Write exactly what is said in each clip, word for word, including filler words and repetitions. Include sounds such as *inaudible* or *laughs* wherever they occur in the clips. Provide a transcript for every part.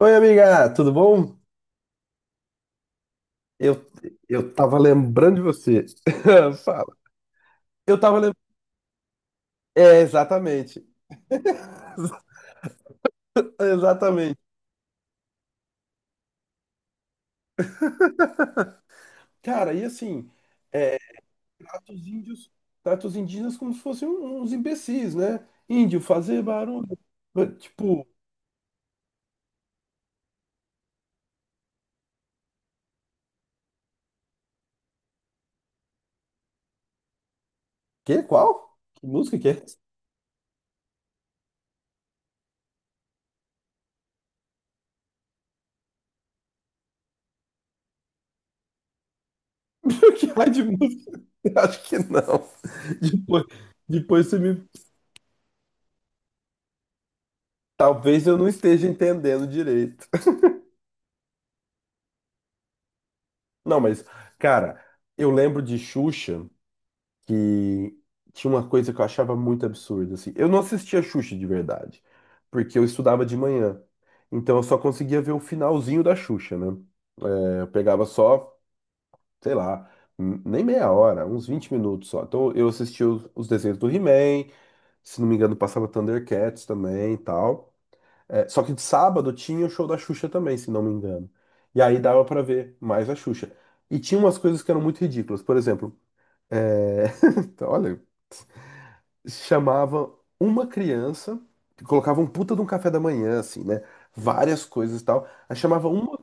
Oi, amiga, tudo bom? Eu, eu tava lembrando de você. *laughs* Fala. Eu tava lembrando. É, exatamente. *laughs* Exatamente. Cara, e assim, é, trata os índios, trata os indígenas como se fossem um- uns imbecis, né? Índio, fazer barulho. Tipo, que? Qual? Que música que é? Essa? *laughs* Que raio de música? *laughs* Acho que não. *laughs* Depois, depois você me. Talvez eu não esteja entendendo direito. *laughs* Não, mas, cara, eu lembro de Xuxa. Que tinha uma coisa que eu achava muito absurda, assim. Eu não assistia Xuxa de verdade, porque eu estudava de manhã. Então eu só conseguia ver o finalzinho da Xuxa, né? É, eu pegava só, sei lá, n- nem meia hora, uns vinte minutos só. Então eu assistia os, os desenhos do He-Man, se não me engano, passava Thundercats também e tal. É, só que de sábado tinha o show da Xuxa também, se não me engano. E aí dava pra ver mais a Xuxa. E tinha umas coisas que eram muito ridículas. Por exemplo, é... *laughs* olha, chamava uma criança, que colocava um puta de um café da manhã, assim, né? Várias coisas e tal. Aí chamava uma,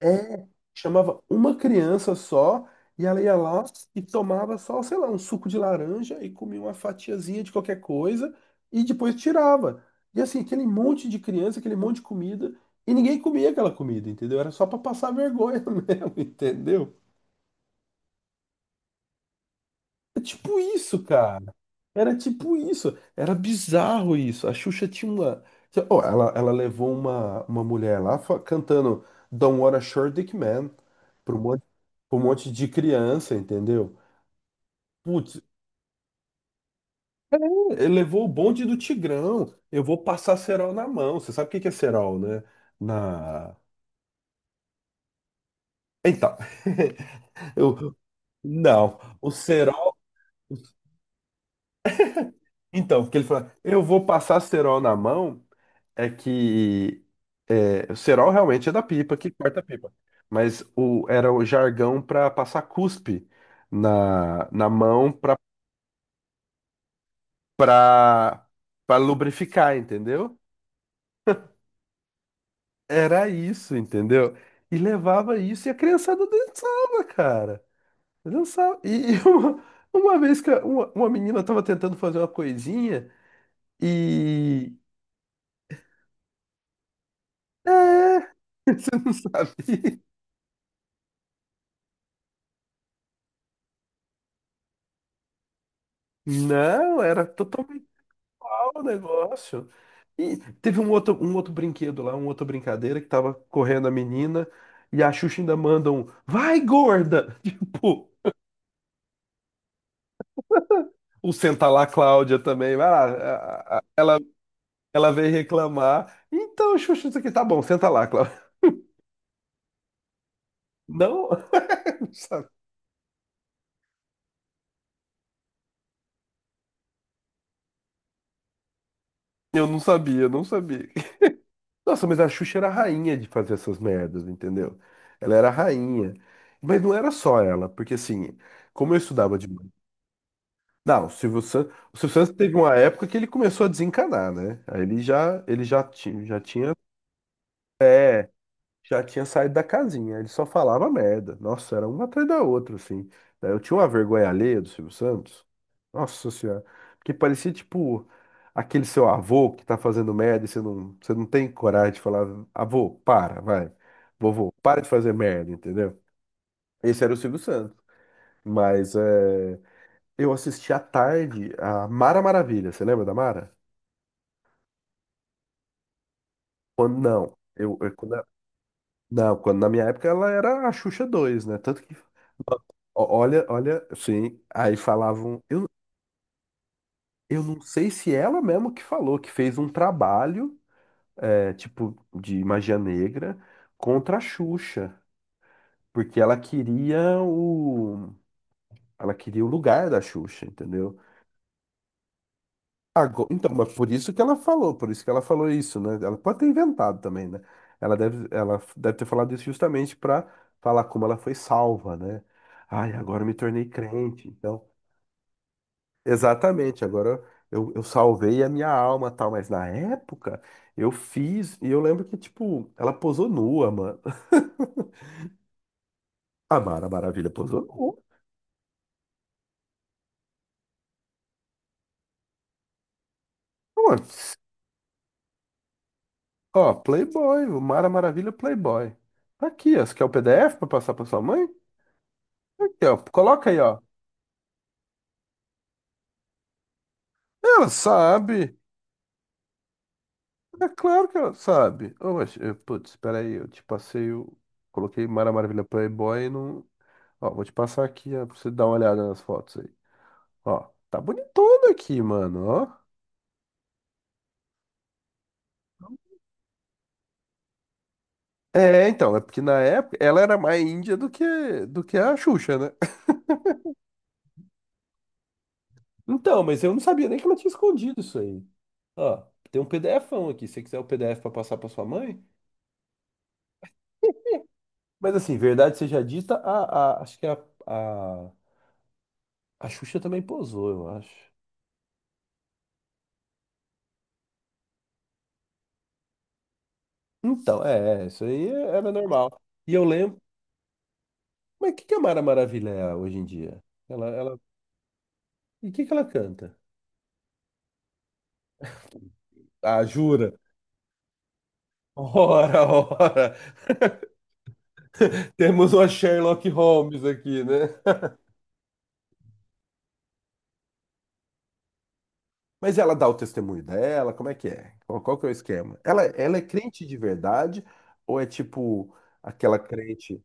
é, chamava uma criança só, e ela ia lá e tomava só, sei lá, um suco de laranja e comia uma fatiazinha de qualquer coisa e depois tirava. E assim, aquele monte de criança, aquele monte de comida, e ninguém comia aquela comida, entendeu? Era só pra passar vergonha *laughs* mesmo, entendeu? É tipo isso, cara. Era tipo isso. Era bizarro isso. A Xuxa tinha uma. Ó, ela, ela levou uma, uma mulher lá fa- cantando Don't Wanna Short Dick Man pra um monte, pra um monte de criança, entendeu? Putz, ele levou o bonde do Tigrão. Eu vou passar cerol na mão. Você sabe o que que é cerol, né? Na. Então. *laughs* Eu... Não. O cerol. Então, porque ele fala, eu vou passar cerol na mão. É que é, o cerol realmente é da pipa que corta a pipa, mas o, era o jargão para passar cuspe na, na mão para para lubrificar, entendeu? Era isso, entendeu? E levava isso e a criançada dançava, cara. Dançava. E, e *laughs* uma, uma vez que uma, uma menina tava tentando fazer uma coisinha e *laughs* você não sabia. Não, era totalmente. O negócio. E teve um outro, um outro brinquedo lá, uma outra brincadeira que tava correndo a menina e a Xuxa ainda manda um vai, gorda! *laughs* Tipo, o senta lá Cláudia também, vai lá. a- a- Ela, ela veio reclamar. Então, Xuxa, isso aqui tá bom, senta lá, Cláudia. Não, *laughs* eu não sabia, não sabia. Nossa, mas a Xuxa era a rainha de fazer essas merdas, entendeu? Ela era a rainha. Mas não era só ela, porque assim, como eu estudava de Não, o Silvio Santos, o Silvio Santos teve uma época que ele começou a desencanar, né? Aí ele já, ele já tinha, já tinha, já tinha saído da casinha, ele só falava merda. Nossa, era uma atrás da outra, assim. Daí eu tinha uma vergonha alheia do Silvio Santos. Nossa Senhora, porque parecia tipo aquele seu avô que tá fazendo merda e você não, você não tem coragem de falar, avô, para, vai. Vovô, para de fazer merda, entendeu? Esse era o Silvio Santos. Mas é, eu assisti à tarde a Mara Maravilha, você lembra da Mara? Quando não, eu, eu- quando, a- não, quando na minha época ela era a Xuxa dois né? Tanto que, ó, olha, olha, sim, aí falavam, eu, eu não sei se ela mesma que falou, que fez um trabalho, é, tipo, de magia negra contra a Xuxa, porque ela queria o, ela queria o lugar da Xuxa, entendeu? Ago- Então, mas por isso que ela falou, por isso que ela falou isso, né? Ela pode ter inventado também, né? Ela deve, ela deve ter falado isso justamente para falar como ela foi salva, né? Ai, agora eu me tornei crente, então. Exatamente, agora eu, eu salvei a minha alma, tal, mas na época eu fiz, e eu lembro que, tipo, ela posou nua, mano. *laughs* A Mara Maravilha posou nua. Mano, ó, Playboy, o Mara Maravilha Playboy. Tá aqui, ó. Você quer o P D F para passar para sua mãe? Aqui, ó. Coloca aí, ó. Ela sabe. É claro que ela sabe. Oh, mas, eh, putz, espera aí, eu te passei o... Coloquei Mara Maravilha Playboy e não... Ó, vou te passar aqui, ó, pra você dar uma olhada nas fotos aí. Ó, tá bonitona aqui, mano, ó. É, então, é porque na época ela era mais índia do que, do que a Xuxa, né? *laughs* Então, mas eu não sabia nem que ela tinha escondido isso aí. Ó, tem um PDFão aqui, se você quiser o P D F pra passar pra sua mãe. Mas assim, verdade seja dita, a, a- acho que a, a, a Xuxa também posou, eu acho. Então, é, é, isso aí era normal. E eu lembro. Mas o que que a Mara Maravilha é hoje em dia? Ela, ela... E o que que ela canta? Ah, jura? *laughs* Ora, ora! Temos uma Sherlock Holmes aqui, né? Mas ela dá o testemunho dela? Como é que é? Qual, qual que é o esquema? Ela, ela é crente de verdade? Ou é tipo aquela crente.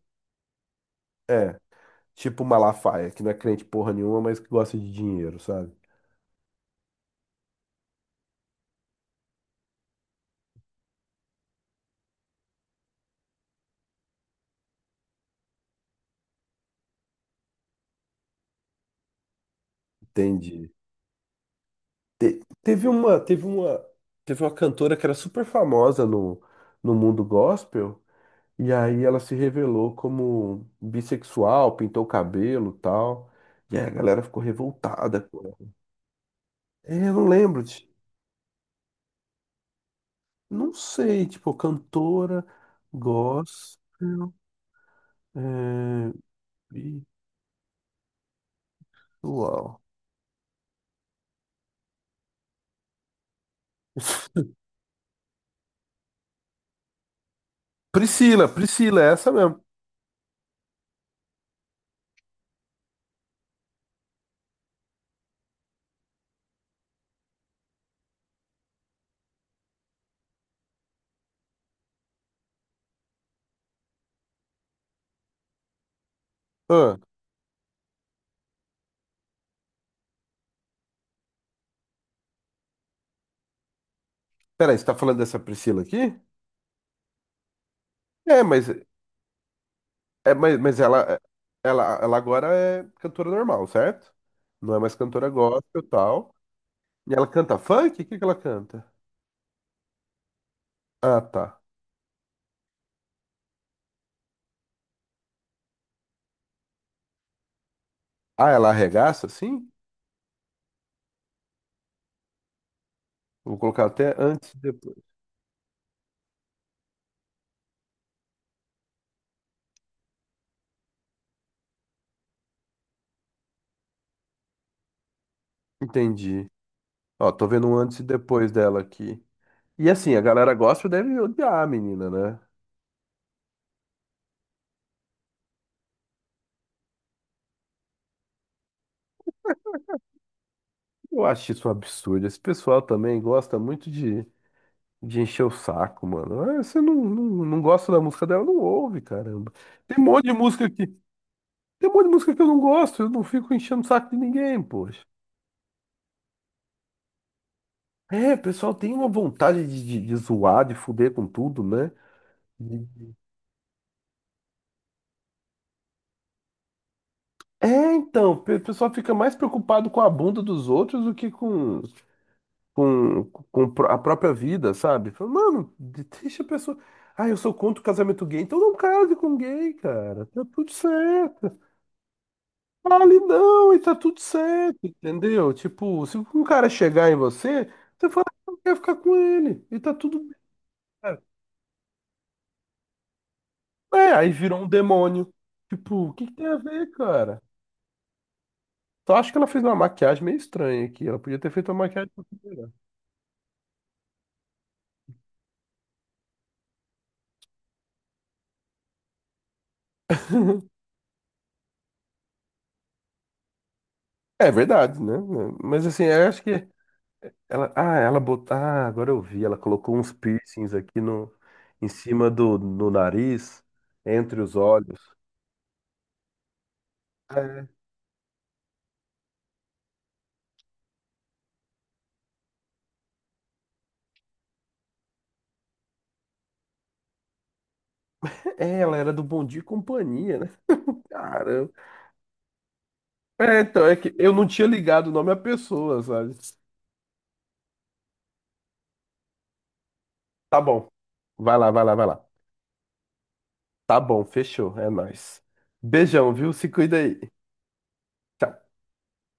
É, tipo Malafaia, que não é crente porra nenhuma, mas que gosta de dinheiro, sabe? Entende? Te- Teve uma, teve uma, teve uma cantora que era super famosa no, no mundo gospel, e aí ela se revelou como bissexual, pintou o cabelo, e tal. E aí a galera ficou revoltada com ela. É, eu não lembro, ti- não sei, tipo, cantora gospel, é, bissexual. *laughs* Priscila, Priscila, é essa mesmo. Ah, peraí, você tá falando dessa Priscila aqui? É, mas É, mas, mas ela, ela, ela agora é cantora normal, certo? Não é mais cantora gospel e tal. E ela canta funk? O que que ela canta? Ah, tá. Ah, ela arregaça, sim? Vou colocar até antes e depois. Entendi. Ó, tô vendo um antes e depois dela aqui. E assim, a galera gospel deve odiar a menina, né? Eu acho isso um absurdo. Esse pessoal também gosta muito de, de encher o saco, mano. Ah, você não, não, não gosta da música dela, não ouve, caramba. Tem um monte de música aqui. Tem um monte de música que eu não gosto, eu não fico enchendo o saco de ninguém, poxa. É, o pessoal tem uma vontade de, de, de zoar, de fuder com tudo, né? De- É, então, pe- o pessoal fica mais preocupado com a bunda dos outros do que com, com, com pro- a própria vida, sabe? Fala, mano, de- deixa a pessoa. Ah, eu sou contra o casamento gay, então não case com gay, cara. Tá tudo certo. Fale não, e tá tudo certo, entendeu? Tipo, se um cara chegar em você, você fala que não quer ficar com ele, e tá tudo bem. É, aí virou um demônio. Tipo, o que que tem a ver, cara? Só acho que ela fez uma maquiagem meio estranha aqui. Ela podia ter feito uma maquiagem um pouquinho melhor. É verdade, né? Mas assim, eu acho que ela. Ah, ela botou. Ah, agora eu vi. Ela colocou uns piercings aqui no... em cima do no nariz, entre os olhos. É, é, ela era do Bom Dia e Companhia, né? Caramba. É, então, é que eu não tinha ligado o nome à pessoa, sabe? Tá bom. Vai lá, vai lá, vai lá. Tá bom, fechou, é nóis. Beijão, viu? Se cuida aí. Tchau.